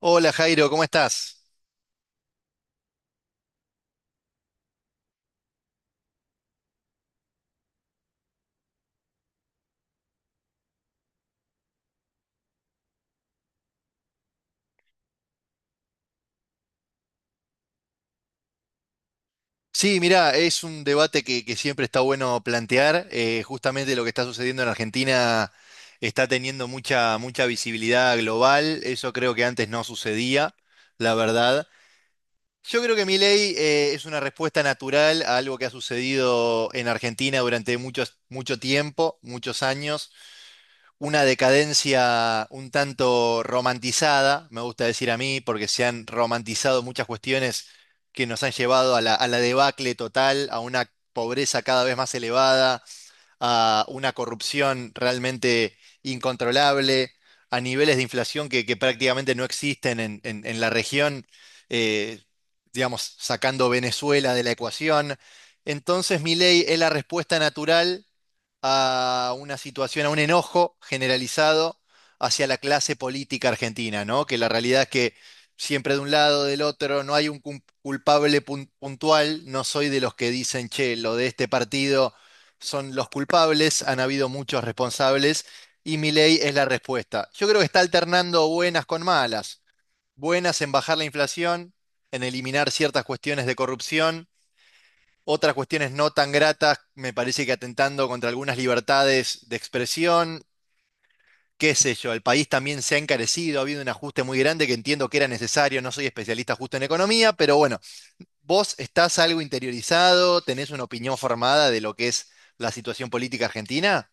Hola Jairo, ¿cómo estás? Sí, mirá, es un debate que siempre está bueno plantear. Justamente lo que está sucediendo en Argentina está teniendo mucha visibilidad global. Eso creo que antes no sucedía, la verdad. Yo creo que mi ley es una respuesta natural a algo que ha sucedido en Argentina durante mucho tiempo, muchos años. Una decadencia un tanto romantizada, me gusta decir a mí, porque se han romantizado muchas cuestiones que nos han llevado a a la debacle total, a una pobreza cada vez más elevada, a una corrupción realmente incontrolable, a niveles de inflación que prácticamente no existen en la región, eh, digamos, sacando Venezuela de la ecuación. Entonces, mi ley es la respuesta natural a una situación, a un enojo generalizado hacia la clase política argentina, ¿no? Que la realidad es que siempre de un lado, del otro, no hay un culpable puntual, no soy de los que dicen, che, lo de este partido son los culpables, han habido muchos responsables y Milei es la respuesta. Yo creo que está alternando buenas con malas. Buenas en bajar la inflación, en eliminar ciertas cuestiones de corrupción, otras cuestiones no tan gratas, me parece que atentando contra algunas libertades de expresión. Qué sé yo, el país también se ha encarecido, ha habido un ajuste muy grande que entiendo que era necesario, no soy especialista justo en economía, pero bueno, vos estás algo interiorizado, tenés una opinión formada de lo que es la situación política argentina.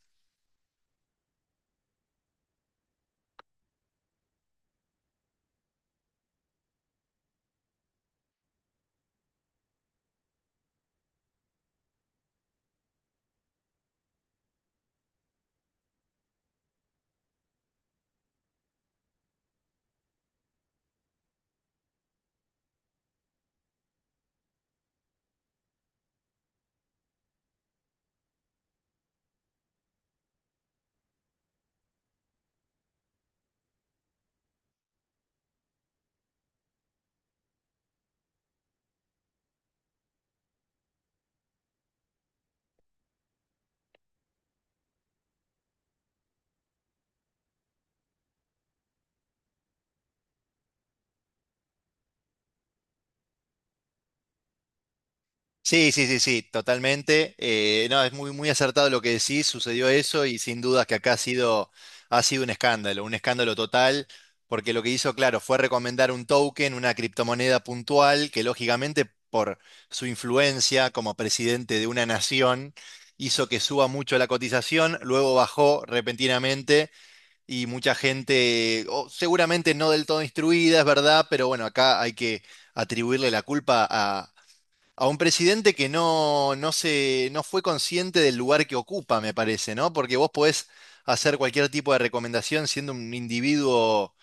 Sí, sí, sí, sí, totalmente. No, es muy acertado lo que decís, sucedió eso y sin dudas que acá ha sido un escándalo total, porque lo que hizo, claro, fue recomendar un token, una criptomoneda puntual, que lógicamente por su influencia como presidente de una nación hizo que suba mucho la cotización, luego bajó repentinamente y mucha gente, o seguramente no del todo instruida, es verdad, pero bueno, acá hay que atribuirle la culpa a un presidente que no, no se, no fue consciente del lugar que ocupa, me parece, ¿no? Porque vos podés hacer cualquier tipo de recomendación siendo un individuo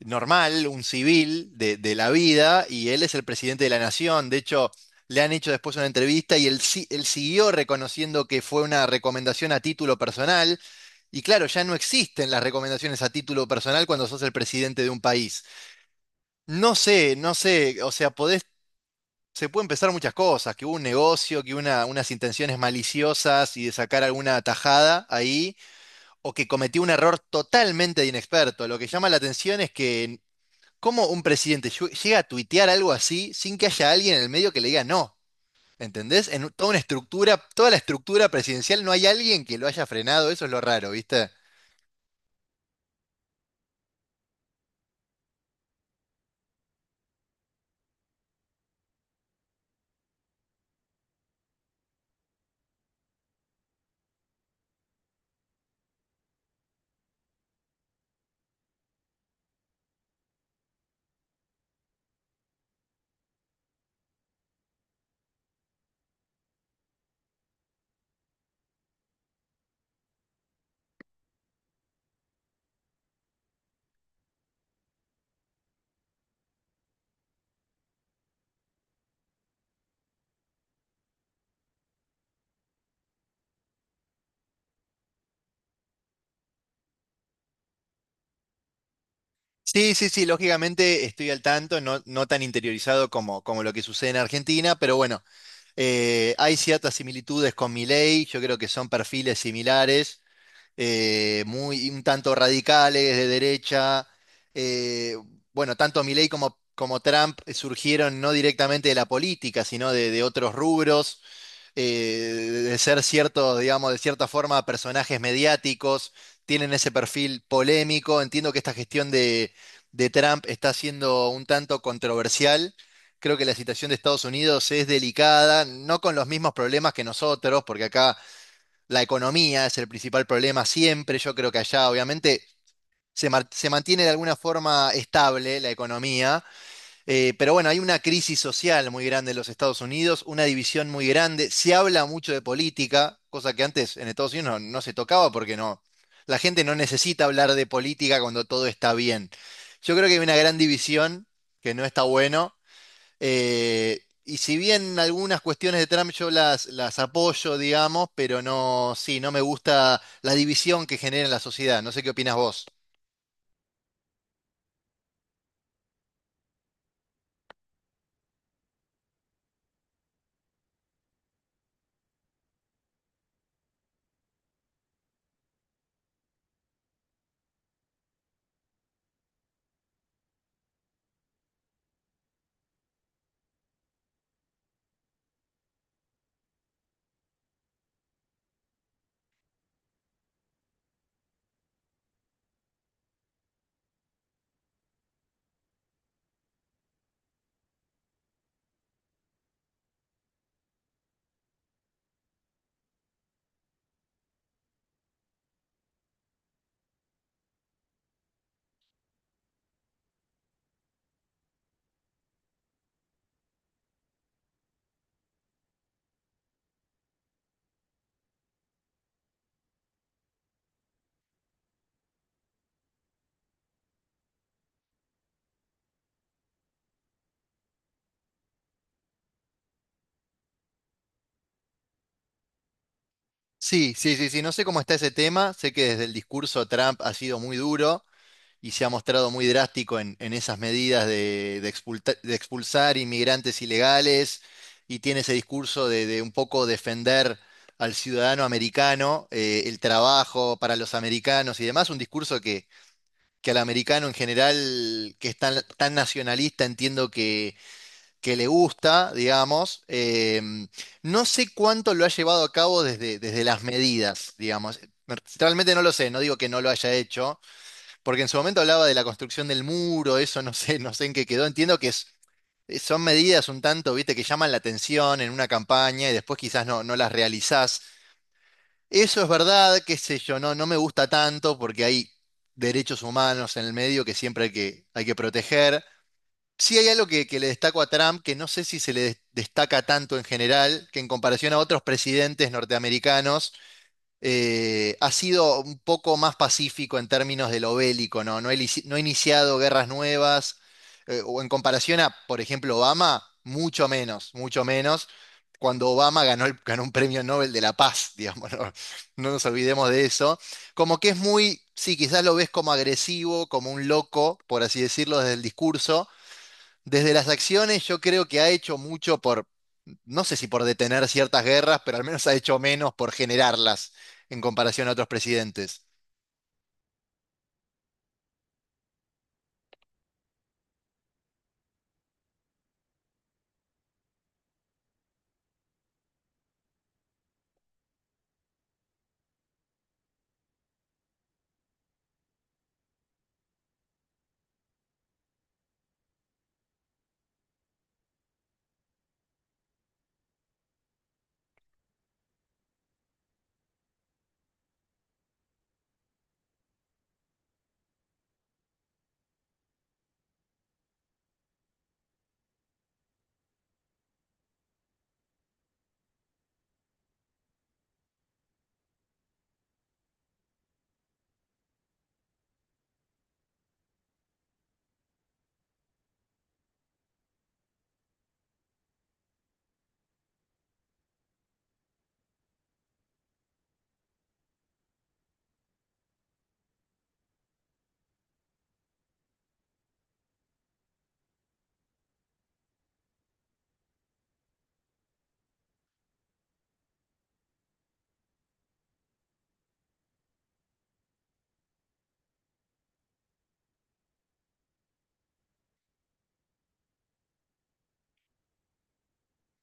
normal, un civil de la vida, y él es el presidente de la nación. De hecho, le han hecho después una entrevista y él, él siguió reconociendo que fue una recomendación a título personal. Y claro, ya no existen las recomendaciones a título personal cuando sos el presidente de un país. No sé, no sé, o sea, podés, se pueden pensar muchas cosas, que hubo un negocio, unas intenciones maliciosas y de sacar alguna tajada ahí, o que cometió un error totalmente de inexperto. Lo que llama la atención es que cómo un presidente llega a tuitear algo así sin que haya alguien en el medio que le diga no. ¿Entendés? En toda una estructura, toda la estructura presidencial no hay alguien que lo haya frenado, eso es lo raro, ¿viste? Sí, sí, sí, lógicamente estoy al tanto, no, no tan interiorizado como lo que sucede en Argentina, pero bueno, hay ciertas similitudes con Milei, yo creo que son perfiles similares, muy un tanto radicales de derecha. eh, bueno, tanto Milei como Trump surgieron no directamente de la política, sino de otros rubros, eh, de ser cierto, digamos, de cierta forma, personajes mediáticos, tienen ese perfil polémico. Entiendo que esta gestión de Trump está siendo un tanto controversial. Creo que la situación de Estados Unidos es delicada, no con los mismos problemas que nosotros, porque acá la economía es el principal problema siempre. Yo creo que allá, obviamente, se mantiene de alguna forma estable la economía, pero bueno, hay una crisis social muy grande en los Estados Unidos, una división muy grande. Se habla mucho de política, cosa que antes en Estados Unidos no se tocaba porque no, la gente no necesita hablar de política cuando todo está bien. Yo creo que hay una gran división que no está bueno. Y si bien algunas cuestiones de Trump yo las apoyo, digamos, pero no, sí, no me gusta la división que genera en la sociedad. No sé qué opinas vos. Sí, sí, sí, sí, no sé cómo está ese tema, sé que desde el discurso Trump ha sido muy duro y se ha mostrado muy drástico en esas medidas de de expulsar inmigrantes ilegales y tiene ese discurso de un poco defender al ciudadano americano, el trabajo para los americanos y demás, un discurso que al americano en general, que es tan nacionalista, entiendo que le gusta, digamos. No sé cuánto lo ha llevado a cabo desde las medidas, digamos. Realmente no lo sé, no digo que no lo haya hecho, porque en su momento hablaba de la construcción del muro, eso no sé, no sé en qué quedó. Entiendo que son medidas un tanto, viste, que llaman la atención en una campaña y después quizás no, no las realizás. Eso es verdad, qué sé yo, no, no me gusta tanto porque hay derechos humanos en el medio que siempre hay hay que proteger. Sí hay algo que le destaco a Trump, que no sé si se le destaca tanto en general, que en comparación a otros presidentes norteamericanos, ha sido un poco más pacífico en términos de lo bélico, ¿no? No ha, no ha iniciado guerras nuevas, o en comparación a, por ejemplo, Obama, mucho menos, cuando Obama ganó, ganó un premio Nobel de la Paz, digamos, no. No nos olvidemos de eso. Como que es muy, sí, quizás lo ves como agresivo, como un loco, por así decirlo, desde el discurso, desde las acciones yo creo que ha hecho mucho por, no sé si por detener ciertas guerras, pero al menos ha hecho menos por generarlas en comparación a otros presidentes.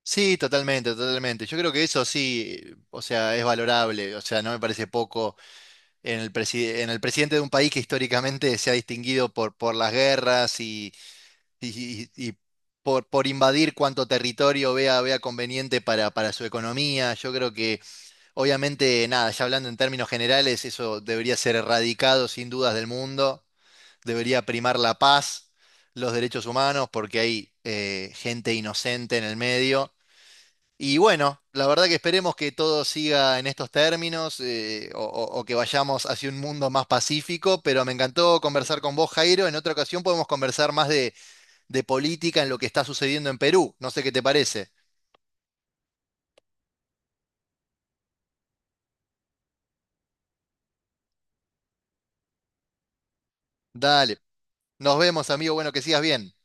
Sí, totalmente, totalmente. Yo creo que eso sí, o sea, es valorable, o sea, no me parece poco en el en el presidente de un país que históricamente se ha distinguido por las guerras y, y por invadir cuanto territorio vea conveniente para su economía. Yo creo que obviamente, nada, ya hablando en términos generales, eso debería ser erradicado sin dudas del mundo, debería primar la paz, los derechos humanos, porque hay gente inocente en el medio. Y bueno, la verdad que esperemos que todo siga en estos términos, o que vayamos hacia un mundo más pacífico, pero me encantó conversar con vos, Jairo. En otra ocasión podemos conversar más de política en lo que está sucediendo en Perú. No sé qué te parece. Dale, nos vemos, amigo. Bueno, que sigas bien.